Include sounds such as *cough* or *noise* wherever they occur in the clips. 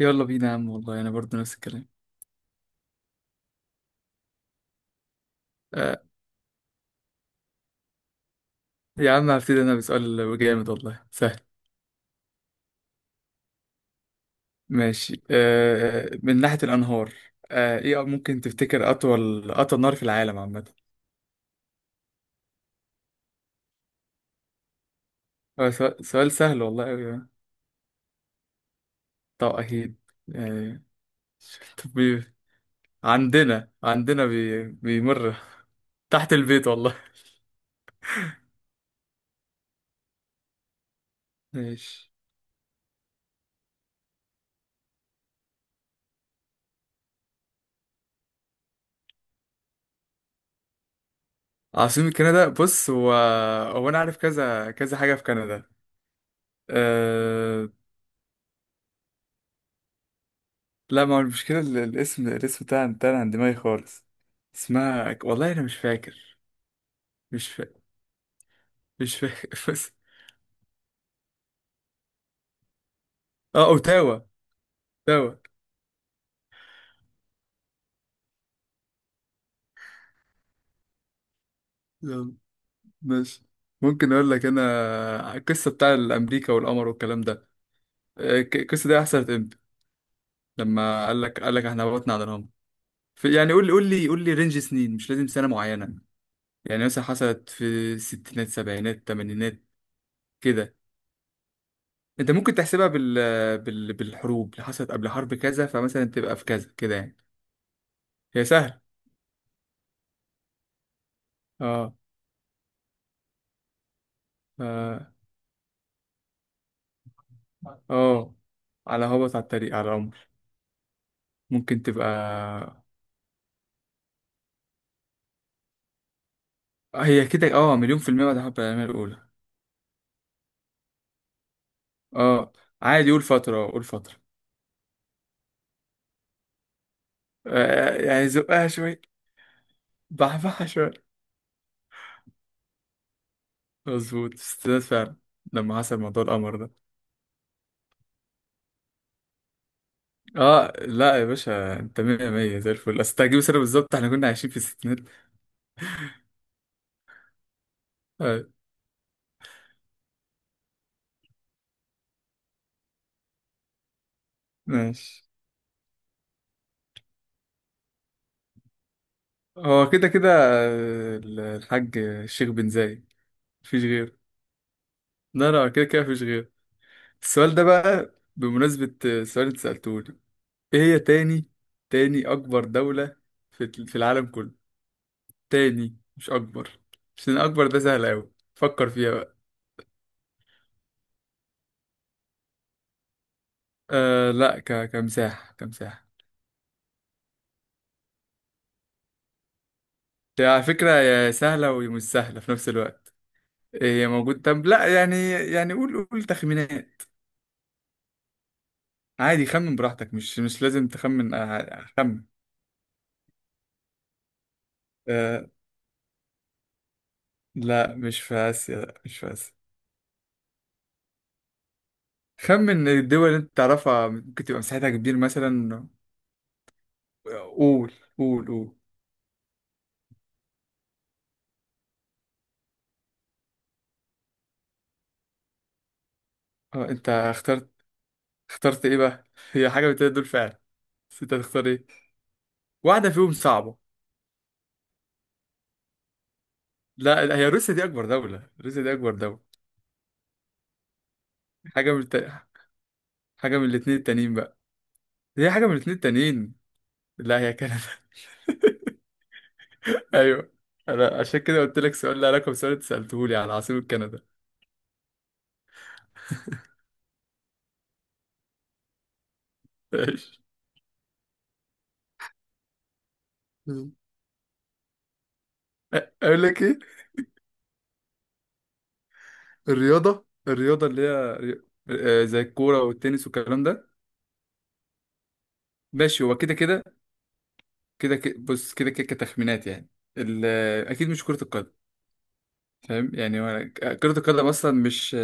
يلا بينا يا عم، والله انا برضه نفس الكلام. آه، يا عم هبتدي انا بسؤال جامد والله سهل. ماشي، آه، من ناحية الانهار. آه، ايه ممكن تفتكر اطول نهر في العالم عامة؟ آه، سؤال سهل والله أوي يعني. طب اكيد. آه، طب بي- عندنا بي بيمر تحت البيت والله. ماشي. عاصمة كندا، بص هو هو انا عارف كذا كذا حاجة في كندا. آه، لا ما هو المشكلة الاسم، بتاعنا عن دماغي خالص. اسمها، والله أنا مش فاكر. مش فاكر. مش فاكر *laughs* بس. اه، أوتاوا. أوتاوا. يلا. ماشي. ممكن أقول لك أنا القصة بتاع الأمريكا والقمر والكلام ده؟ آه، القصة دي حصلت إمتى؟ لما قال لك إحنا هبطنا على القمر يعني قول لي، قول لي رينج سنين، مش لازم سنة معينة. يعني مثلا حصلت في الستينات، سبعينات، تمانينات كده. انت ممكن تحسبها بالحروب اللي حصلت قبل حرب كذا، فمثلا تبقى في كذا كده يعني. هي سهل. اه. اه. آه. على هبط على الطريق على العمر. ممكن تبقى هي كده، اه، مليون في المية بعد حب العالمية الأولى. اه عادي، قول فترة. قول فترة. آه يعني زقها شوية. بحبحها شوية. مظبوط استناد فعلا لما حصل موضوع القمر ده. اه، لا يا باشا، انت مية مية زي الفل، اصل تجيب سنة بالظبط. احنا كنا عايشين في الستينات. آه. ماشي. هو كده كده، آه، الحاج الشيخ بن زايد. مفيش غيره. لا لا، كده كده مفيش غيره. السؤال ده بقى بمناسبة سؤال انت سألتوني. ايه هي تاني أكبر دولة في العالم كله؟ تاني مش أكبر، عشان أكبر ده سهل أوي، فكر فيها بقى. أه لا، كمساحة. كمساحة. هي على فكرة يا سهلة ومش سهلة في نفس الوقت. هي موجود، طب لا يعني، يعني قول، قول تخمينات. عادي خمن براحتك، مش لازم تخمن. خمن. أه لا، مش في آسيا. لا مش في آسيا. خمن الدول اللي انت تعرفها ممكن تبقى مساحتها كبير مثلا. قول قول قول. اه انت اخترت، اخترت ايه بقى؟ *laughs* هي حاجه من التلاتة دول فعلا، بس انت هتختار ايه؟ واحده فيهم صعبه. لا لا، هي روسيا دي اكبر دوله. روسيا دي اكبر دوله. حاجه من الت... حاجه من الاثنين التانيين بقى. هي حاجه من الاثنين التانيين. لا هي كندا. *laughs* ايوه، انا عشان كده قلت لك سؤال له علاقه بسؤال انت سالته لي على عاصمه كندا. *laughs* ماشي. اقول لك ايه؟ الرياضه، آه، زي الكوره والتنس والكلام ده. ماشي هو كده كده. كده بص كده كده كتخمينات يعني. ال... اكيد مش كرة القدم. فاهم يعني هو كرة القدم اصلا مش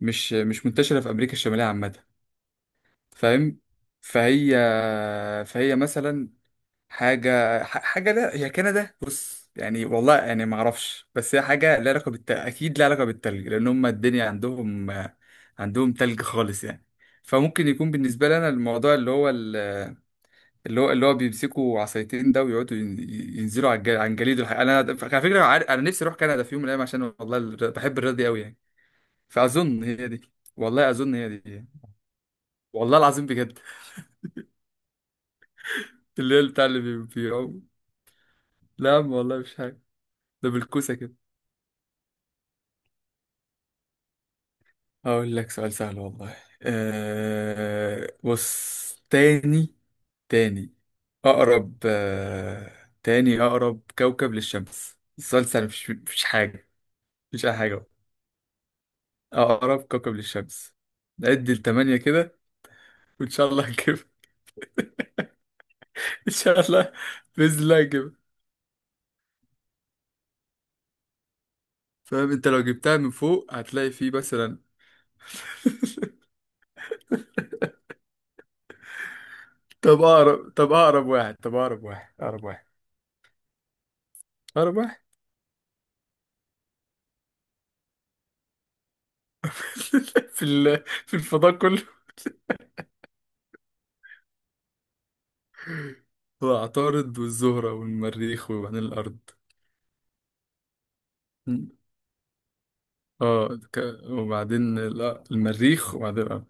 مش مش منتشرة في امريكا الشمالية عامة. فاهم. فهي. فهي مثلا حاجة. حاجة، لا هي كندا، بص يعني، والله يعني ما اعرفش، بس هي حاجة لها علاقة اكيد لها علاقة بالتلج، لان هم الدنيا عندهم، عندهم تلج خالص يعني. فممكن يكون بالنسبة لنا الموضوع اللي هو، اللي هو بيمسكوا عصايتين ده ويقعدوا ينزلوا على عن جليده الحقيقة. انا على فكره انا نفسي اروح كندا في يوم من الايام، عشان والله بحب الرياضه دي قوي يعني. فاظن هي دي، والله اظن هي دي يعني. والله العظيم بجد. *laughs* اللي هي بتاع بيعوم. لا يا عم والله مش حاجه، ده بالكوسه كده. هقول لك سؤال سهل والله. أه بص، تاني. تاني اقرب أه تاني اقرب كوكب للشمس. السؤال سهل، مش مش حاجه، مش اي حاجه. أقرب كوكب للشمس. نعد لتمانية كده وإن شاء الله هجيبها. *laughs* إن شاء الله، بإذن الله هجيبها. فاهم أنت لو جبتها من فوق هتلاقي فيه مثلا. *laughs* طب أقرب، طب أقرب واحد، طب أقرب واحد. أقرب واحد. أقرب واحد. *laughs* في في الفضاء كله. هو عطارد والزهرة والمريخ وبعدين الأرض. م. اه وبعدين المريخ وبعدين الأرض.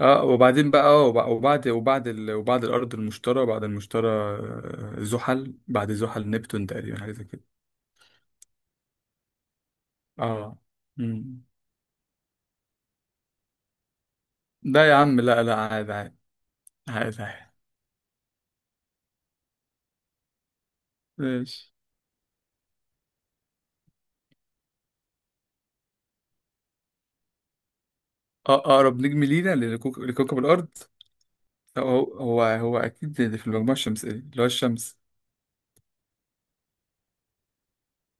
اه وبعدين بقى، اه وبعد، وبعد الارض المشتري، بعد المشتري آه، زحل، بعد زحل نبتون، تقريبا حاجه زي كده. اه. مم. لا يا عم لا لا، عادي عادي، عادي عادي. ماشي. آه، اقرب نجم لينا لكوكب الارض؟ هو هو هو اكيد في المجموعه الشمسيه، اللي هو الشمس.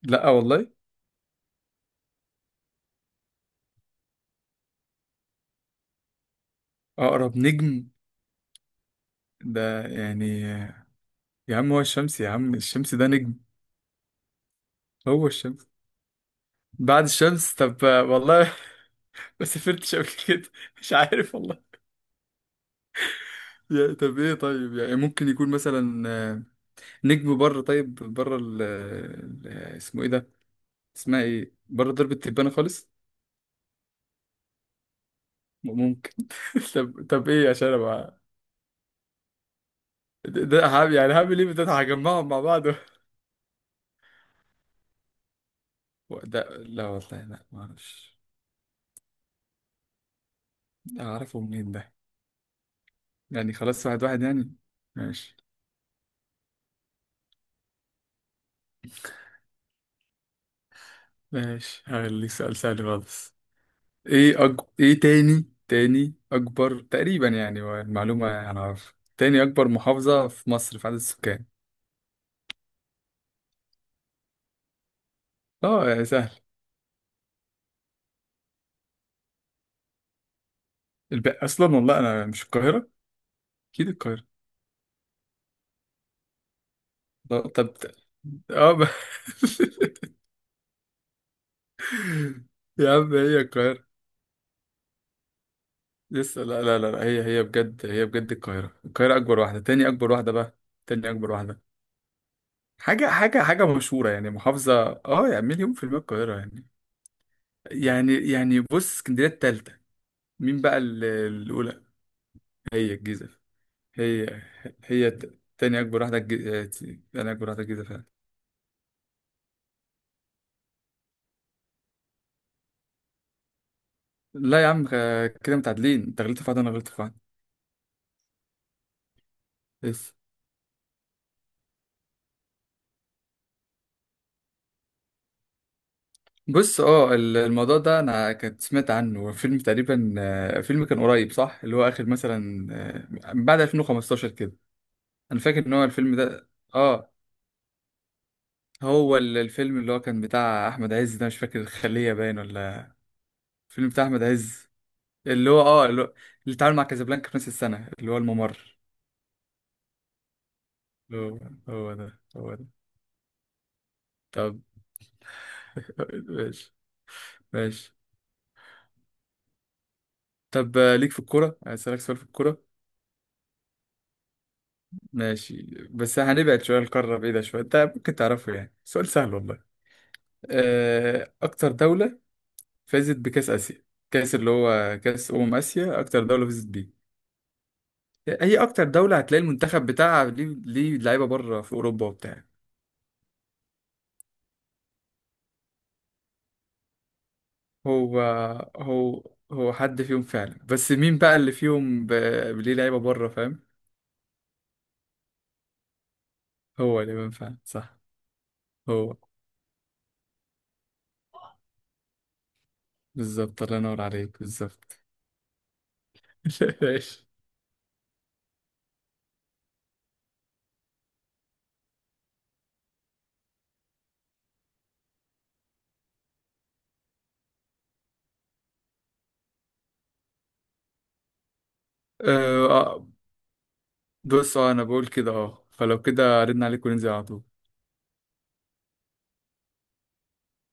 لا والله. اقرب نجم؟ ده يعني، آه، يا عم هو الشمس، يا عم الشمس ده نجم. هو الشمس. بعد الشمس طب، آه، والله *laughs* ما سافرتش قبل كده، مش عارف والله. طب ايه؟ طيب يعني ممكن يكون مثلا، آه، نجم بره. طيب بره اسمه ايه ده؟ اسمها ايه بره درب التبانة خالص؟ ممكن. *laughs* طب، طب ايه عشان ابقى، ده ده هعمل يعني، هعمل ايه ده، هجمعهم مع بعض. *laughs* ده لا والله، لا ما اعرفش. اعرفه منين ده؟ يعني خلاص، واحد واحد يعني. ماشي. ماشي هخليك سؤال سهل خالص. ايه تاني، تاني اكبر تقريبا يعني المعلومة انا عارف، تاني اكبر محافظة في مصر في عدد السكان. اه سهل. اصلا والله انا مش، القاهره اكيد القاهره. لا، طب اه *laughs* يا عم هي القاهره لسه. لا لا لا لا، هي هي بجد، هي بجد القاهره. القاهره اكبر واحده، تاني اكبر واحده بقى. تاني اكبر واحده. حاجه، حاجه حاجه مشهوره يعني محافظه، اه يعني مليون في المية القاهره يعني. يعني بص، اسكندريه التالتة. مين بقى الاولى؟ هي الجيزه. هي، هي تاني اكبر واحده آه، تاني اكبر واحده الجيزه فعلا. لا يا عم، آه، كده متعادلين، انت غلطت في واحد انا غلطت في واحد. بس بص اه الموضوع ده انا كنت سمعت عنه فيلم، تقريبا آه، فيلم كان قريب صح، اللي هو اخر مثلا آه، بعد 2015 كده. انا فاكر ان هو الفيلم ده. اه هو الفيلم اللي هو كان بتاع احمد عز ده، مش فاكر الخلية باين ولا. الفيلم بتاع احمد عز، اللي هو اه اللي، هو اللي اتعامل مع كازابلانكا في نفس السنة، اللي هو الممر. هو. هو ده. هو ده. طب *laughs* ماشي. ماشي، طب آه، ليك في الكورة، اسألك سؤال في الكورة؟ ماشي، بس هنبعد شوية، القارة بعيدة شوية، انت ممكن تعرفه يعني، سؤال سهل والله. آه، أكتر دولة فازت بكأس آسيا، كأس اللي هو كأس أمم آسيا، أكتر دولة فازت بيه. هي أكتر دولة هتلاقي المنتخب بتاعها ليه، ليه لعيبة بره في أوروبا وبتاع. هو هو، هو حد فيهم فعلا، بس مين بقى اللي فيهم ليه لعيبة بره، فاهم. هو اللي بيبان فعلا صح. هو. بالظبط، الله ينور عليك، بالظبط. *laughs* ماشي. آه، بص اه انا بقول كده اه، فلو كده ردنا عليك وننزل على طول.